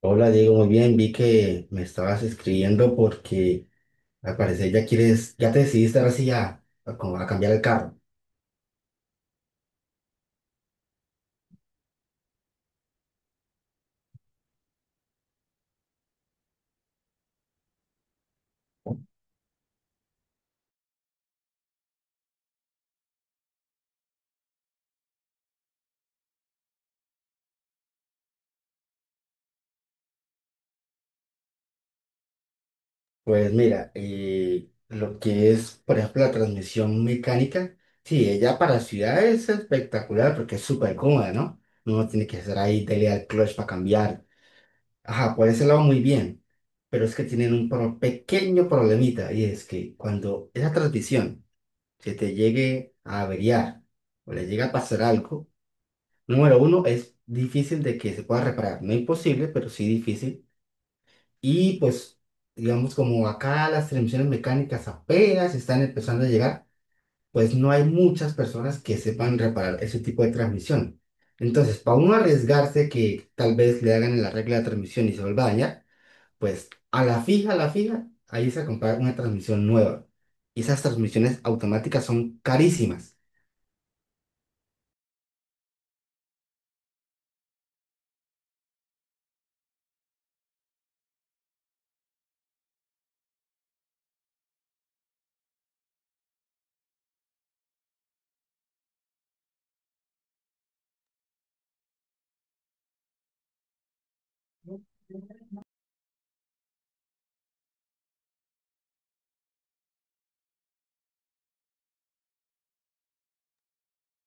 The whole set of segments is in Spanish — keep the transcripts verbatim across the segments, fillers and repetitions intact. Hola Diego, muy bien, vi que me estabas escribiendo porque al parecer ya quieres, ya te decidiste ahora sí a, a como a cambiar el carro. Pues mira, eh, lo que es, por ejemplo, la transmisión mecánica, sí, ella para ciudad es espectacular porque es súper cómoda, ¿no? Uno tiene que estar ahí, dele al clutch para cambiar. Ajá, por ese lado muy bien, pero es que tienen un pro- pequeño problemita y es que cuando esa transmisión se te llegue a averiar o le llega a pasar algo, número uno, es difícil de que se pueda reparar. No imposible, pero sí difícil. Y pues, digamos, como acá las transmisiones mecánicas apenas están empezando a llegar, pues no hay muchas personas que sepan reparar ese tipo de transmisión. Entonces, para uno arriesgarse que tal vez le hagan la regla de transmisión y se vuelva a dañar, pues a la fija, a la fija, ahí se comprar una transmisión nueva. Y esas transmisiones automáticas son carísimas.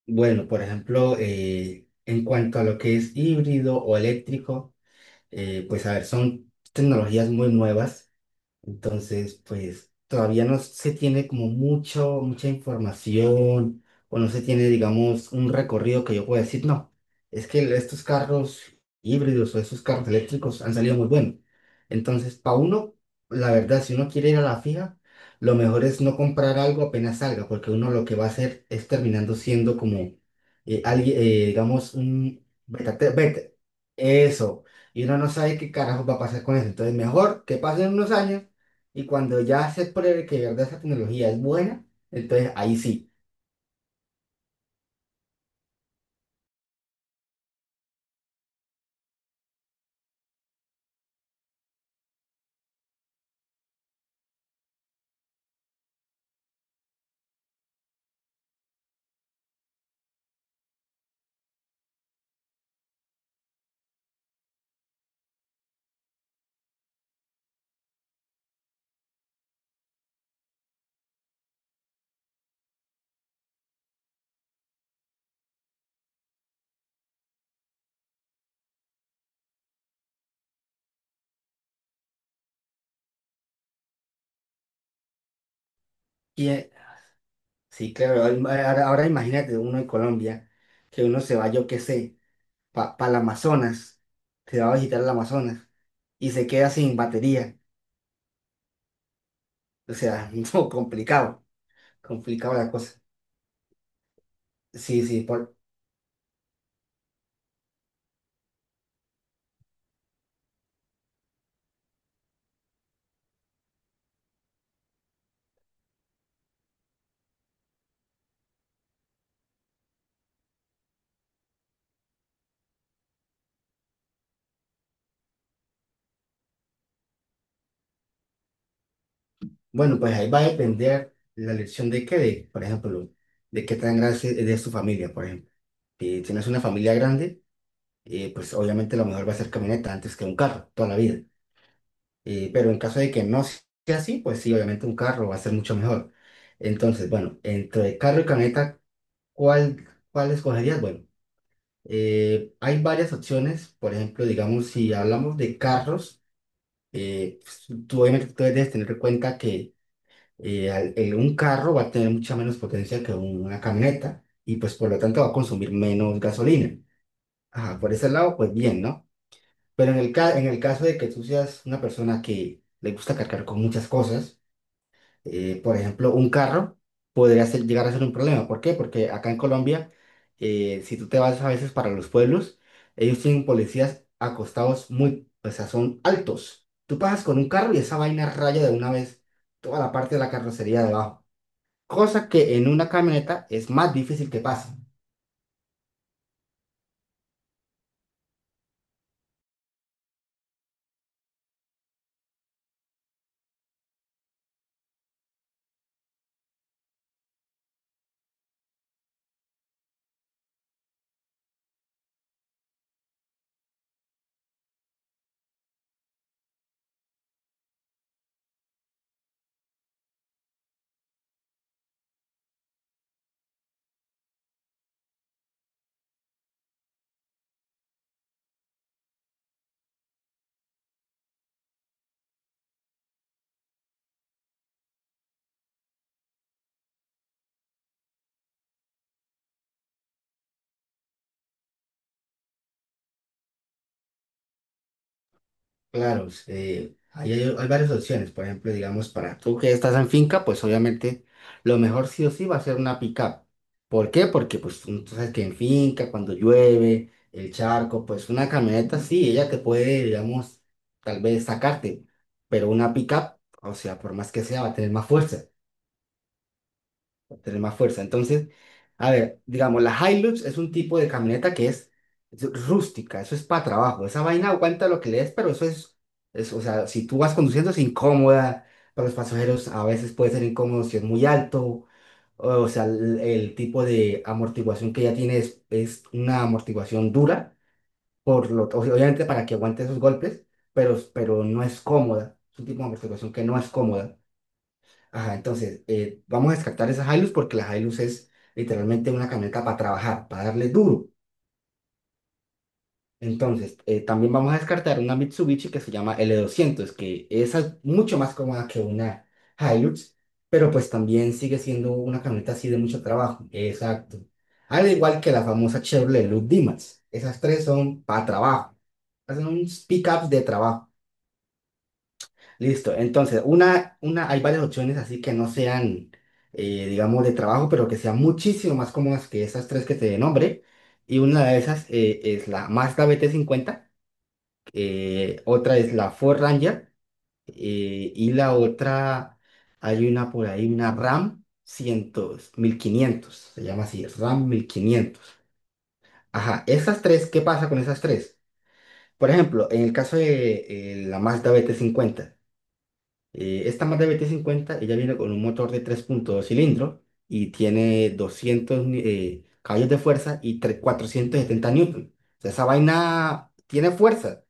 Bueno, por ejemplo, eh, en cuanto a lo que es híbrido o eléctrico, eh, pues a ver, son tecnologías muy nuevas. Entonces, pues todavía no se tiene como mucho, mucha información o no se tiene, digamos, un recorrido que yo pueda decir, no, es que estos carros híbridos o estos carros eléctricos han salido muy buenos. Entonces, para uno, la verdad, si uno quiere ir a la fija, lo mejor es no comprar algo apenas salga, porque uno lo que va a hacer es terminando siendo como alguien, digamos, un beta, te- beta. Eso. Y uno no sabe qué carajo va a pasar con eso. Entonces, mejor que pasen unos años y cuando ya se pruebe que de verdad esa tecnología es buena, entonces ahí sí. Y, eh, sí, claro, ahí- ahora, ahora imagínate uno en Colombia, que uno se va, yo qué sé, para el Amazonas, se va a visitar el Amazonas y se queda sin batería. O sea, no, complicado, complicado la cosa. Sí, sí, por, bueno, pues ahí va a depender la elección de qué, de, por ejemplo, de qué tan grande es es tu familia, por ejemplo. Si tienes una familia grande, eh, pues obviamente lo mejor va a ser camioneta antes que un carro, toda la vida. Eh, pero en caso de que no sea así, pues sí, obviamente un carro va a ser mucho mejor. Entonces, bueno, entre carro y camioneta, ¿cuál, cuál escogerías? Bueno, eh, hay varias opciones. Por ejemplo, digamos, si hablamos de carros, eh, pues, tú obviamente tú debes tener en cuenta que eh, al- el- un carro va a tener mucha menos potencia que una camioneta y pues por lo tanto va a consumir menos gasolina. Ajá, por ese lado, pues bien, ¿no? Pero en el, ca- en el caso de que tú seas una persona que le gusta cargar con muchas cosas, eh, por ejemplo, un carro podría ser- llegar a ser un problema. ¿Por qué? Porque acá en Colombia, eh, si tú te vas a veces para los pueblos, ellos tienen policías acostados muy, o sea, son altos. Tú pasas con un carro y esa vaina raya de una vez toda la parte de la carrocería de abajo. Cosa que en una camioneta es más difícil que pase. Claro, eh, ahí hay, hay varias opciones. Por ejemplo, digamos, para tú que estás en finca, pues obviamente lo mejor sí o sí va a ser una pickup. ¿Por qué? Porque pues tú tú sabes que en finca, cuando llueve, el charco, pues una camioneta sí, ella te puede, digamos, tal vez sacarte, pero una pickup, o sea, por más que sea, va a tener más fuerza tener más fuerza. Entonces, a ver, digamos, la Hilux es un tipo de camioneta que es, es rústica, eso es para trabajo, esa vaina aguanta lo que le des, pero eso es, es, o sea, si tú vas conduciendo es incómoda, para los pasajeros a veces puede ser incómodo si es muy alto, o, sea, el, el tipo de amortiguación que ella tiene es, es una amortiguación dura, por lo, o sea, obviamente para que aguante esos golpes, pero, pero no es cómoda, es un tipo de amortiguación que no es cómoda. Ajá, entonces, eh, vamos a descartar esa Hilux porque la Hilux es literalmente una camioneta para trabajar, para darle duro. Entonces, eh, también vamos a descartar una Mitsubishi que se llama L doscientos, que esa es mucho más cómoda que una Hilux, pero pues también sigue siendo una camioneta así de mucho trabajo. Exacto. Al igual que la famosa Chevrolet Demax. Esas tres son para trabajo. Son pickups de trabajo. Listo, entonces, una, una, hay varias opciones así que no sean, eh, digamos, de trabajo, pero que sean muchísimo más cómodas que esas tres que te nombré. Y una de esas eh, es la Mazda B T cincuenta eh, otra es la Ford Ranger, eh, y la otra, hay una por ahí, una RAM cien, mil quinientos se llama así, RAM mil quinientos. Ajá, esas tres, ¿qué pasa con esas tres? Por ejemplo, en el caso de eh, la Mazda B T cincuenta. Eh, esta Mazda B T cincuenta ella viene con un motor de tres punto dos cilindros y tiene doscientos ni- eh, caballos de fuerza y tre- cuatrocientos setenta newton. O sea, esa vaina tiene fuerza,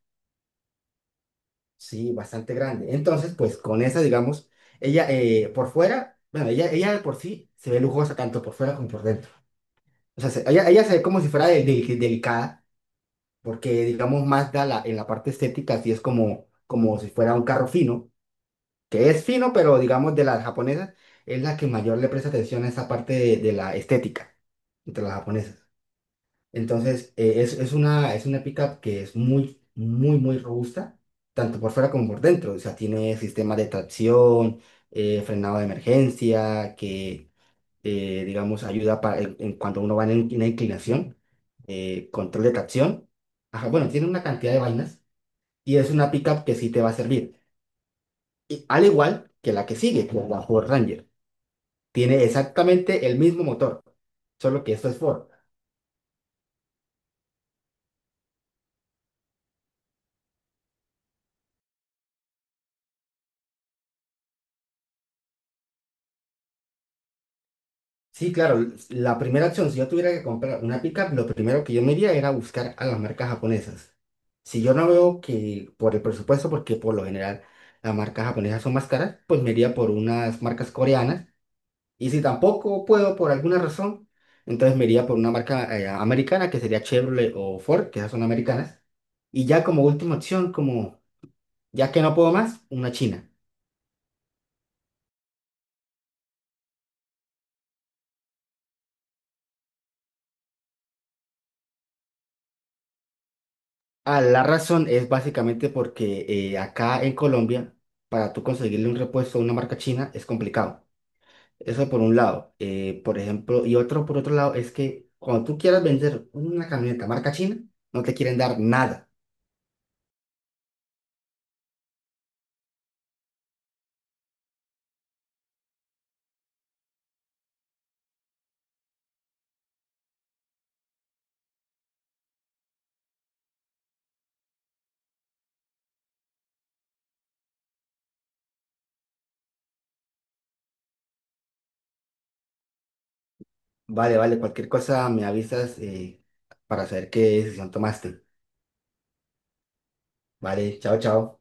sí, bastante grande. Entonces, pues con esa, digamos, ella eh, por fuera, bueno, ella, ella de por sí se ve lujosa tanto por fuera como por dentro. O sea, se- ella, ella se ve como si fuera de- de- delicada, porque digamos, Mazda la, en la parte estética sí es como, como si fuera un carro fino que es fino, pero digamos de las japonesas, es la que mayor le presta atención a esa parte de, de la estética entre las japonesas. Entonces, eh, es, es una, es una pickup que es muy, muy, muy robusta, tanto por fuera como por dentro. O sea, tiene sistemas de tracción, eh, frenado de emergencia, que, eh, digamos, ayuda para, en, en cuanto uno va en in- una inclinación, eh, control de tracción. Ajá, bueno, tiene una cantidad de vainas y es una pickup que sí te va a servir y- al igual que la que sigue, que es la Ford Ranger. Tiene exactamente el mismo motor, solo que esto es Ford. Sí, claro, la primera opción, si yo tuviera que comprar una pickup, lo primero que yo me iría era buscar a las marcas japonesas. Si yo no veo que por el presupuesto, porque por lo general las marcas japonesas son más caras, pues me iría por unas marcas coreanas. Y si tampoco puedo por alguna razón, entonces me iría por una marca eh, americana, que sería Chevrolet o Ford, que esas son americanas. Y ya como última opción, como ya que no puedo más, una china. Ah, la razón es básicamente porque eh, acá en Colombia, para tú conseguirle un repuesto a una marca china es complicado. Eso por un lado. Eh, por ejemplo, y otro por otro lado es que cuando tú quieras vender una camioneta marca china, no te quieren dar nada. Vale, vale, cualquier cosa me avisas eh, para saber qué decisión tomaste. Vale, chao, chao.